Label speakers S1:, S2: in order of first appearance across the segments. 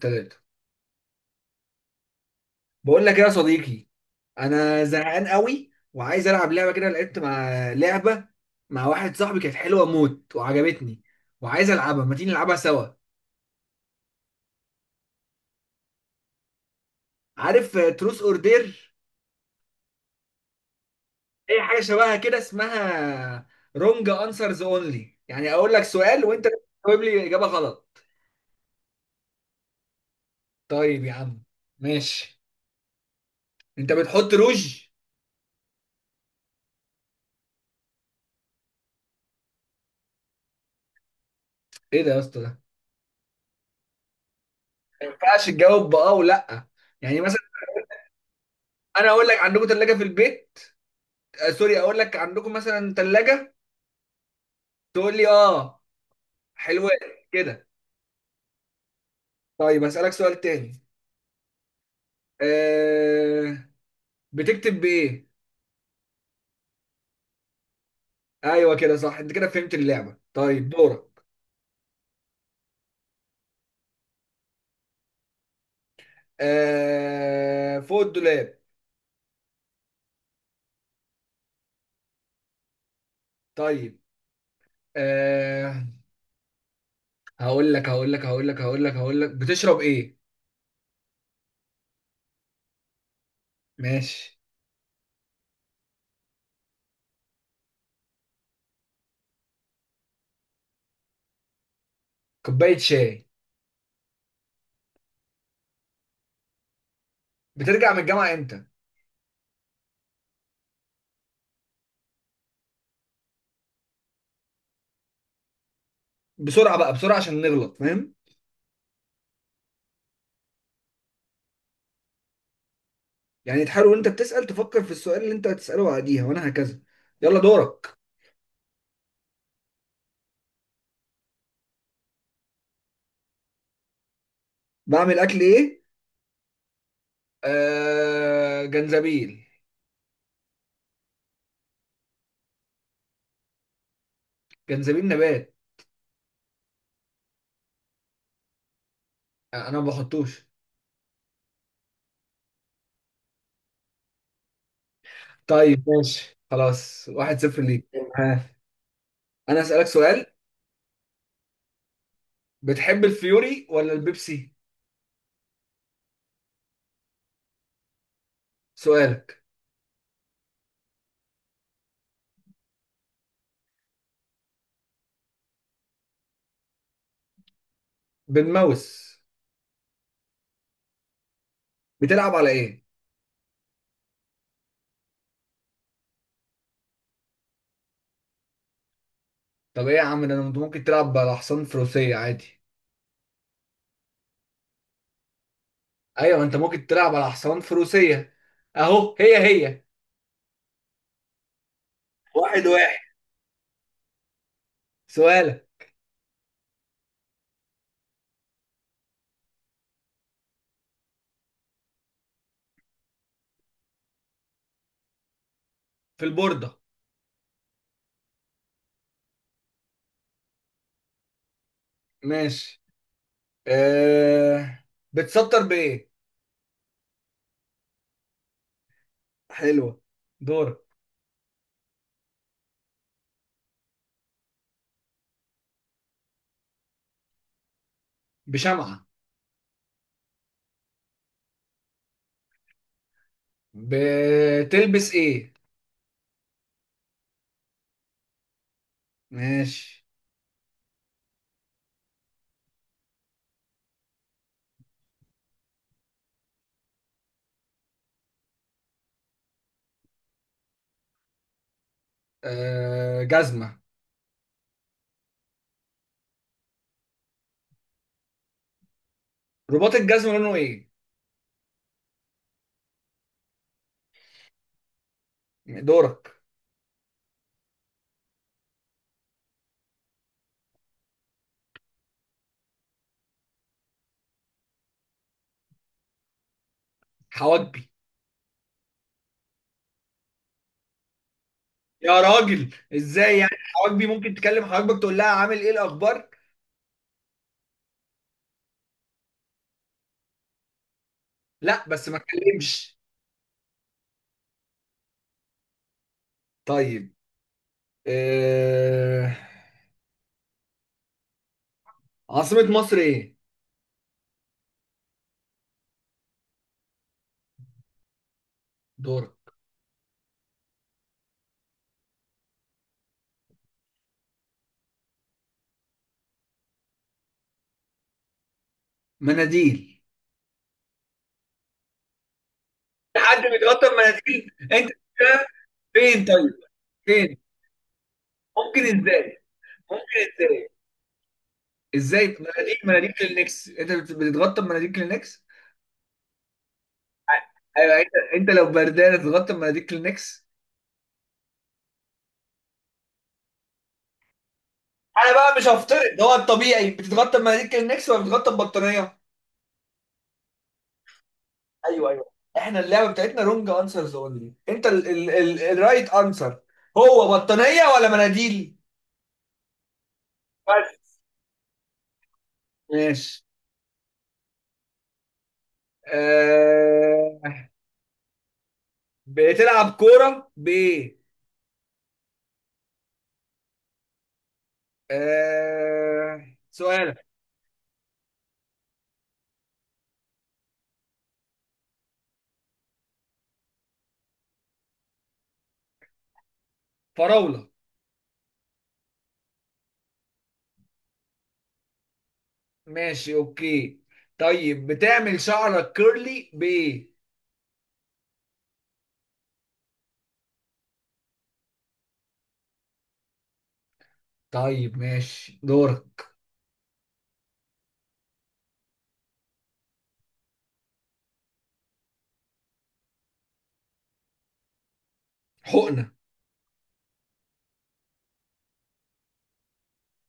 S1: ثلاثة. بقول لك ايه يا صديقي، انا زهقان قوي وعايز العب لعبه كده. لعبت مع لعبه مع واحد صاحبي، كانت حلوه موت وعجبتني وعايز العبها. ما تيجي نلعبها سوا؟ عارف تروس اوردر، اي حاجه شبهها كده اسمها رونج انسرز اونلي، يعني اقول لك سؤال وانت تجاوب لي اجابه غلط. طيب يا عم، ماشي. انت بتحط روج؟ ايه ده يا اسطى ده؟ ما ينفعش تجاوب باه ولا؟ يعني مثلا انا اقول لك عندكم ثلاجه في البيت. سوري، اقول لك عندكم مثلا ثلاجه، تقول لي اه حلوة كده. طيب اسالك سؤال تاني. أه بتكتب بايه؟ ايوه كده صح، انت كده فهمت اللعبه. طيب دورك. فوق الدولاب. طيب. أه هقول لك هقول لك هقول لك هقول لك هقول لك بتشرب ايه؟ ماشي. كوبايه شاي. بترجع من الجامعه امتى؟ بسرعه بقى، بسرعه عشان نغلط، فاهم؟ يعني تحاول وانت بتسال تفكر في السؤال اللي انت هتساله بعديها، وانا هكذا. يلا دورك. بعمل اكل ايه؟ آه، جنزبيل. جنزبيل نبات. انا ما بحطوش. طيب ماشي خلاص، واحد صفر ليك. ها، انا اسالك سؤال. بتحب الفيوري ولا البيبسي؟ سؤالك. بالماوس. بتلعب على ايه؟ طب ايه يا عم ده؟ انت ممكن تلعب على حصان فروسية عادي. ايوه، انت ممكن تلعب على حصان فروسية. اهو، هي هي. واحد واحد. سؤالك. في البوردة. ماشي. آه... بتسطر بايه؟ حلوة. دورك. بشمعة. بتلبس ايه؟ ماشي. آه، جزمة. رباط الجزمة لونه ايه؟ دورك. حواجبي. يا راجل ازاي يعني؟ حواجبي ممكن تكلم حواجبك تقول لها عامل ايه الاخبار؟ لا بس ما تكلمش. طيب. آه. عاصمة مصر ايه؟ دورك. مناديل. في حد بيتغطى بمناديل؟ انت بتتكلم؟ فين طيب؟ فين؟ ممكن ازاي؟ ممكن ازاي؟ ازاي؟ مناديل؟ مناديل كلينكس؟ بتتغطى بمناديل كلينكس؟ ايوه انت، انت لو بردان تتغطى بمناديل كلينكس؟ انا بقى مش هفترض، ده هو الطبيعي؟ بتتغطى بمناديل كلينكس ولا بتتغطى ببطانيه؟ ايوه ايوه. احنا اللعبه بتاعتنا رونج انسرز اونلي، انت ال الرايت انسر هو بطانيه ولا مناديل؟ بس. ماشي. آه... بتلعب كورة ب... سؤالك. فراولة. ماشي، اوكي. طيب بتعمل شعرك كيرلي ب... طيب ماشي، دورك. حقنة.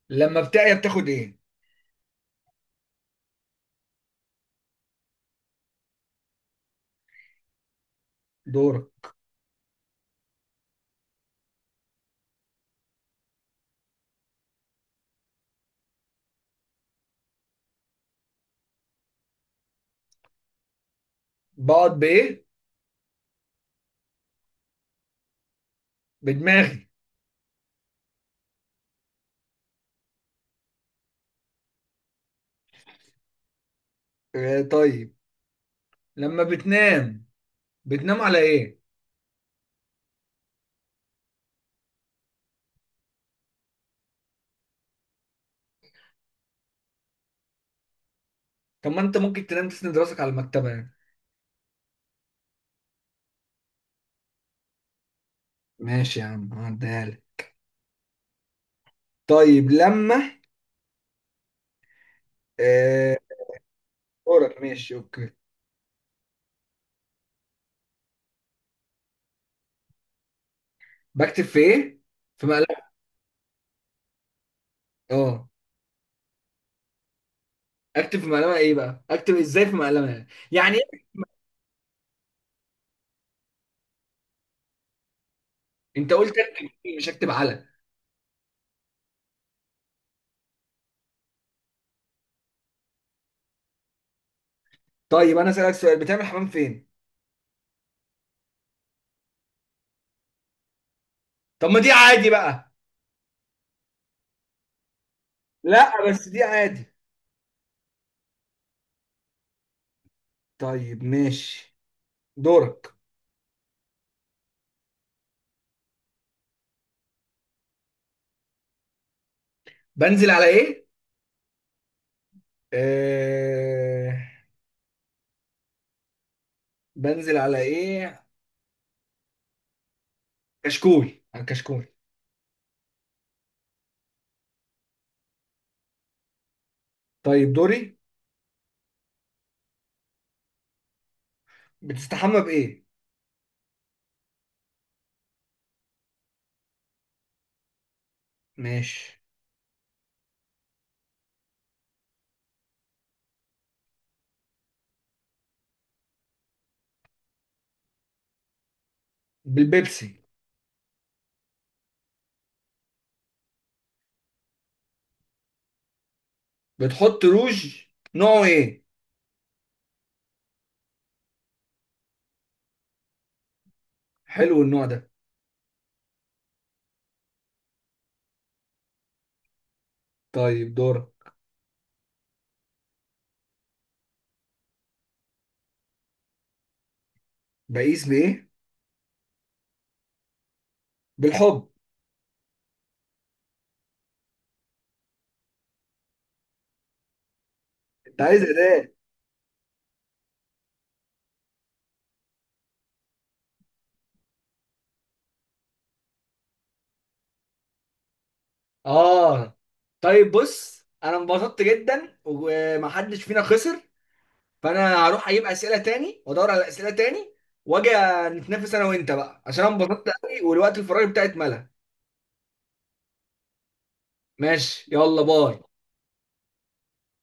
S1: لما بتعيا بتاخد ايه؟ دورك. بقعد بايه؟ بدماغي. طيب. لما بتنام بتنام على ايه؟ طب ما انت ممكن تنام تسند راسك على المكتبه يعني. ماشي يا عم، هعديها لك. طيب لما... آه دورك، ماشي، اوكي. بكتب في ايه؟ في مقلمه. اه. اكتب في مقلمه ايه بقى؟ اكتب ازاي في مقلمه؟ يعني إيه؟ انت قلت اكتب فيه، مش اكتب على. طيب انا اسالك سؤال، بتعمل حمام فين؟ طب ما دي عادي بقى. لا بس دي عادي. طيب ماشي، دورك. بنزل على ايه؟ آه... بنزل على ايه؟ كشكول. على الكشكول. طيب دوري. بتستحمى بايه؟ ماشي. بالبيبسي. بتحط روج، نوعه ايه؟ حلو النوع ده. طيب دورك. بقيس بايه؟ بالحب. انت عايز ايه؟ اه، طيب بص. انا انبسطت جدا ومحدش فينا خسر، فانا هروح اجيب اسئله تاني وادور على اسئله تاني واجي نتنافس انا وانت بقى، عشان انا انبسطت قوي والوقت الفراغ بتاعي اتملى. ماشي، يلا باي.